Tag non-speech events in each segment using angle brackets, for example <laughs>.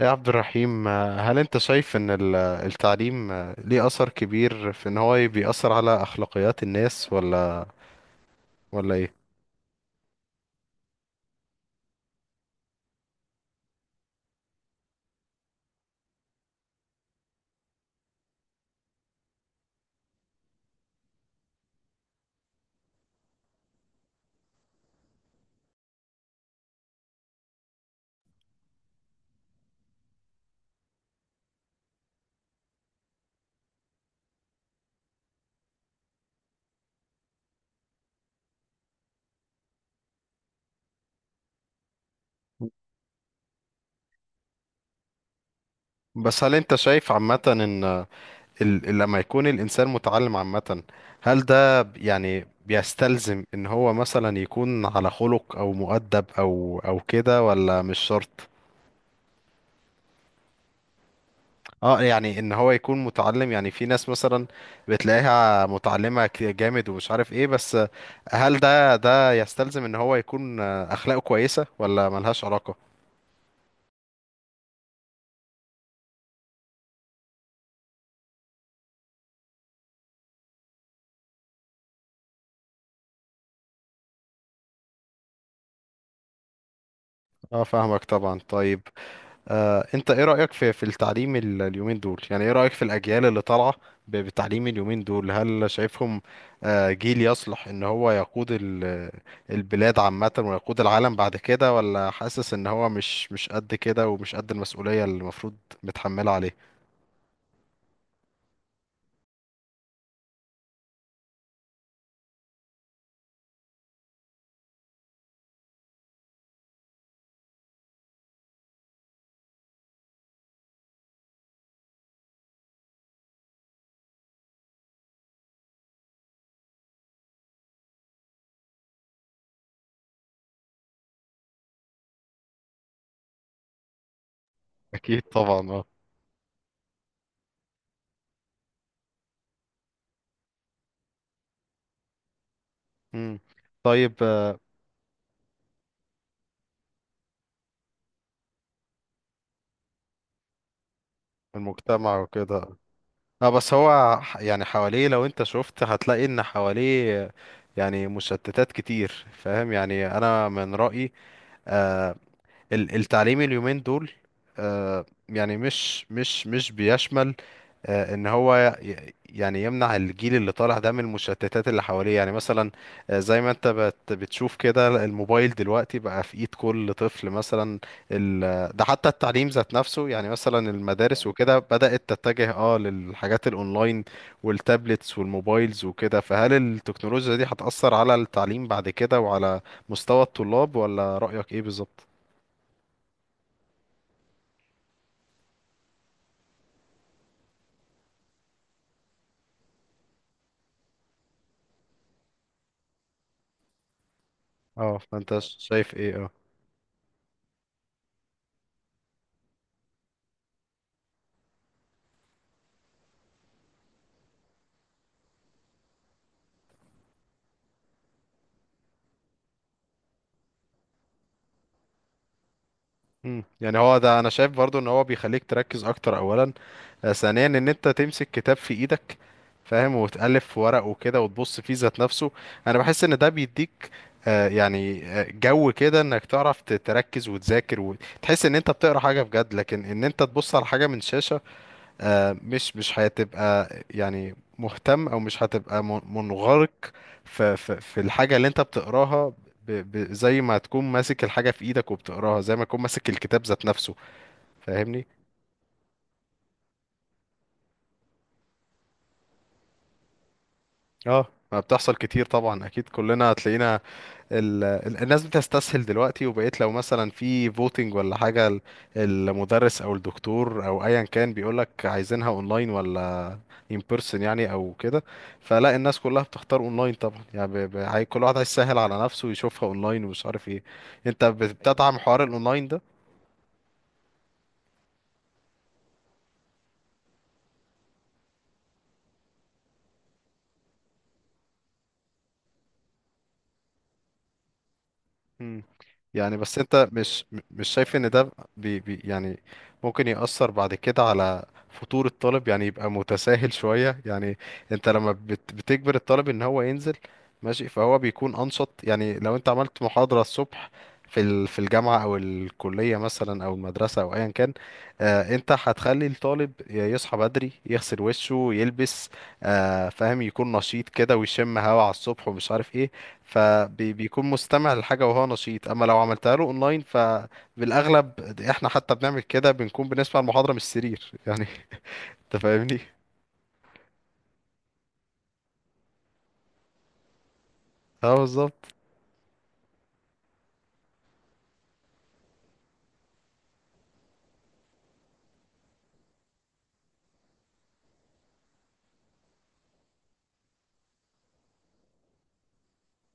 يا عبد الرحيم هل انت شايف ان التعليم ليه اثر كبير في ان هو بيأثر على اخلاقيات الناس ولا ايه؟ بس هل انت شايف عامة ان لما يكون الانسان متعلم عامة، هل ده يعني بيستلزم ان هو مثلا يكون على خلق او مؤدب او كده، ولا مش شرط؟ اه يعني ان هو يكون متعلم، يعني في ناس مثلا بتلاقيها متعلمة جامد ومش عارف ايه، بس هل ده يستلزم ان هو يكون اخلاقه كويسة ولا ملهاش علاقة؟ اه فاهمك طبعا. طيب انت ايه رأيك في التعليم اليومين دول؟ يعني ايه رأيك في الأجيال اللي طالعة بتعليم اليومين دول؟ هل شايفهم جيل يصلح ان هو يقود البلاد عامة ويقود العالم بعد كده، ولا حاسس ان هو مش قد كده ومش قد المسؤولية اللي المفروض متحملة عليه؟ أكيد طبعا، اه. مم. طيب المجتمع وكده. اه بس هو يعني حواليه، لو انت شفت هتلاقي ان حواليه يعني مشتتات كتير، فاهم؟ يعني انا من رأيي آه، التعليم اليومين دول يعني مش بيشمل ان هو يعني يمنع الجيل اللي طالع ده من المشتتات اللي حواليه، يعني مثلا زي ما انت بتشوف كده، الموبايل دلوقتي بقى في ايد كل طفل مثلا. ده حتى التعليم ذات نفسه، يعني مثلا المدارس وكده بدأت تتجه اه للحاجات الاونلاين والتابلتس والموبايلز وكده. فهل التكنولوجيا دي هتأثر على التعليم بعد كده وعلى مستوى الطلاب، ولا رأيك ايه بالظبط؟ اه فانت شايف ايه؟ اه. مم. يعني هو ده انا شايف برضو، ان هو بيخليك تركز اكتر. اولا ثانيا ان انت تمسك كتاب في ايدك، فاهم؟ وتألف في ورق وكده وتبص فيه ذات نفسه. انا بحس ان ده بيديك يعني جو كده انك تعرف تركز وتذاكر وتحس ان انت بتقرا حاجة بجد. لكن ان انت تبص على حاجة من شاشة مش هتبقى يعني مهتم، او مش هتبقى منغرق في الحاجه اللي انت بتقراها، ب ب زي ما تكون ماسك الحاجه في ايدك وبتقراها، زي ما تكون ماسك الكتاب ذات نفسه. فاهمني؟ اه، ما بتحصل كتير طبعا، اكيد كلنا هتلاقينا. الناس بتستسهل دلوقتي، وبقيت لو مثلا في فوتنج ولا حاجة، المدرس او الدكتور او ايا كان بيقولك عايزينها اونلاين ولا ان بيرسون يعني او كده، فلا الناس كلها بتختار اونلاين طبعا. يعني كل واحد هيسهل على نفسه ويشوفها اونلاين ومش عارف ايه. انت بتدعم حوار الاونلاين ده؟ مم. يعني بس انت مش شايف ان ده بي يعني ممكن يأثر بعد كده على فطور الطالب، يعني يبقى متساهل شوية. يعني انت لما بتجبر الطالب ان هو ينزل، ماشي، فهو بيكون انشط. يعني لو انت عملت محاضرة الصبح في في الجامعة او الكلية مثلا او المدرسة او ايا كان، آه انت هتخلي الطالب يصحى بدري يغسل وشه يلبس، آه فاهم، يكون نشيط كده ويشم هوا على الصبح ومش عارف ايه، فبيكون مستمع للحاجة وهو نشيط. اما لو عملتها له اونلاين، فبالاغلب احنا حتى بنعمل كده، بنكون بنسمع المحاضرة من السرير يعني. <laughs> انت فاهمني؟ اه بالظبط.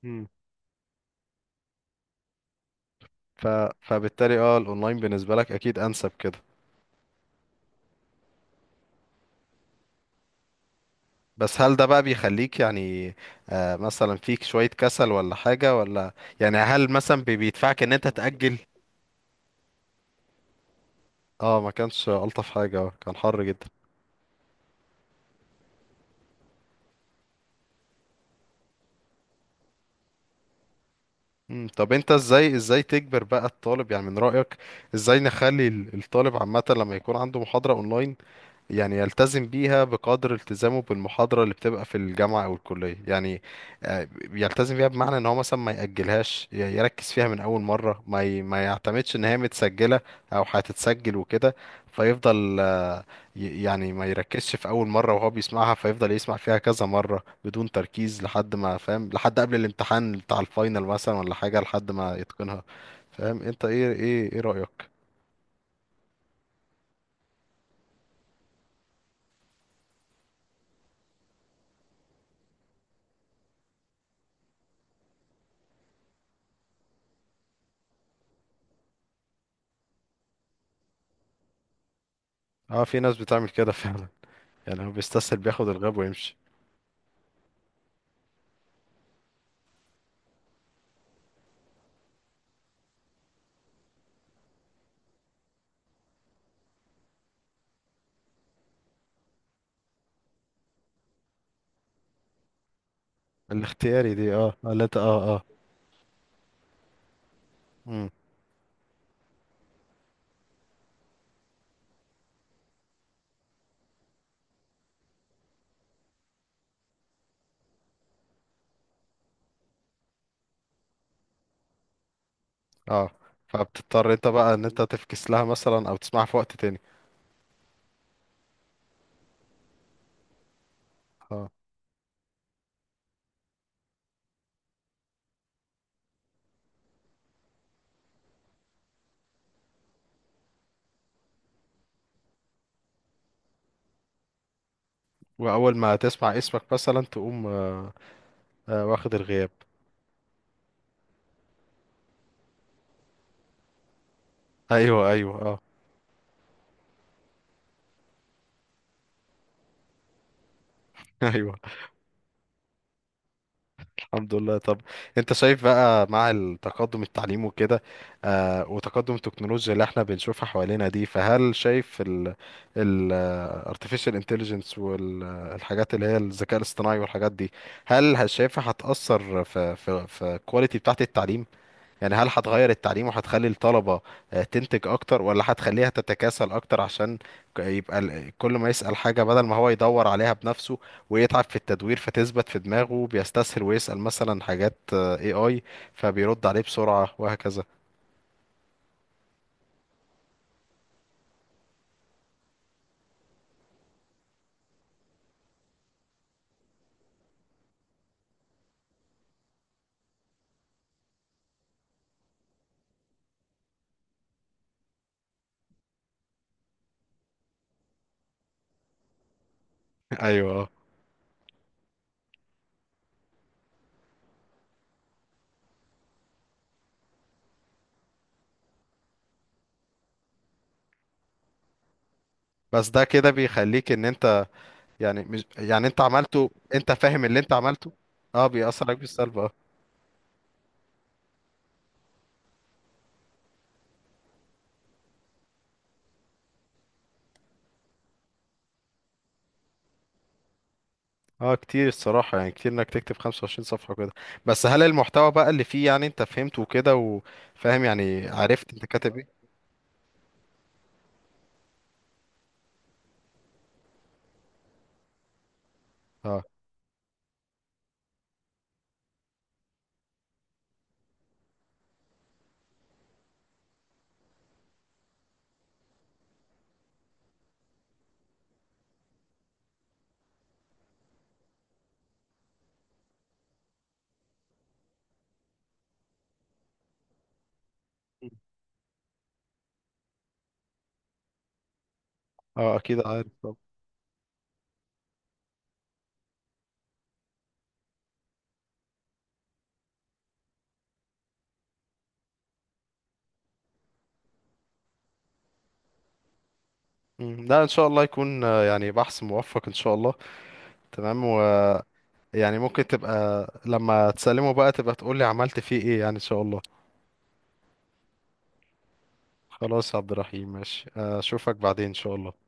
مم. ف... فبالتالي اه الاونلاين بالنسبة لك اكيد انسب كده. بس هل ده بقى بيخليك يعني آه مثلا فيك شوية كسل ولا حاجة؟ ولا يعني هل مثلا بيدفعك ان انت تأجل؟ اه، ما كانش الطف حاجة، كان حر جدا. مم، طب انت ازاي تجبر بقى الطالب، يعني من رأيك ازاي نخلي الطالب عامة لما يكون عنده محاضرة اونلاين يعني يلتزم بيها بقدر التزامه بالمحاضرة اللي بتبقى في الجامعة او الكلية، يعني آه، يلتزم بيها بمعنى ان هو مثلا ما يأجلهاش، يركز فيها من اول مرة، ما يعتمدش ان هي متسجلة او هتتسجل وكده، فيفضل يعني ما يركزش في اول مره وهو بيسمعها، فيفضل يسمع فيها كذا مره بدون تركيز لحد ما فاهم، لحد قبل الامتحان بتاع الفاينل مثلا ولا حاجه، لحد ما يتقنها، فاهم انت؟ ايه رايك؟ اه، في ناس بتعمل كده فعلا، يعني هو بيستسهل بياخد الغاب ويمشي. الاختياري دي، اه اللي انت اه. امم. اه، فبتضطر انت بقى ان انت تفكس لها مثلا او تسمعها في وقت تاني. اه، واول ما تسمع اسمك مثلا تقوم واخد الغياب. ايوه ايوه اه. <laughs> ايوه. الحمد لله. طب انت شايف بقى مع التقدم التعليم وكده، آه وتقدم التكنولوجيا اللي احنا بنشوفها حوالينا دي، فهل شايف ال ال آه، artificial intelligence والحاجات اللي هي الذكاء الاصطناعي والحاجات دي، هل شايفها هتأثر في في الكواليتي بتاعت التعليم؟ يعني هل هتغير التعليم وهتخلي الطلبة تنتج أكتر، ولا هتخليها تتكاسل أكتر عشان يبقى كل ما يسأل حاجة بدل ما هو يدور عليها بنفسه ويتعب في التدوير فتثبت في دماغه، بيستسهل ويسأل مثلا حاجات AI، فبيرد عليه بسرعة وهكذا؟ أيوه آه. بس ده كده بيخليك إن أنت يعني مش، يعني أنت عملته، أنت فاهم اللي أنت عملته؟ أه بيأثر عليك بالسلب أه. اه كتير الصراحة، يعني كتير انك تكتب 25 صفحة وكده. بس هل المحتوى بقى اللي فيه يعني انت فهمته وكده وفاهم، يعني عرفت انت كاتب ايه؟ اه اه اكيد عارف. طب مم. لا ان شاء الله يكون يعني بحث موفق ان شاء الله. تمام، ويعني ممكن تبقى لما تسلمه بقى تبقى تقول لي عملت فيه ايه، يعني ان شاء الله. خلاص يا عبد الرحيم، ماشي اشوفك بعدين ان شاء الله.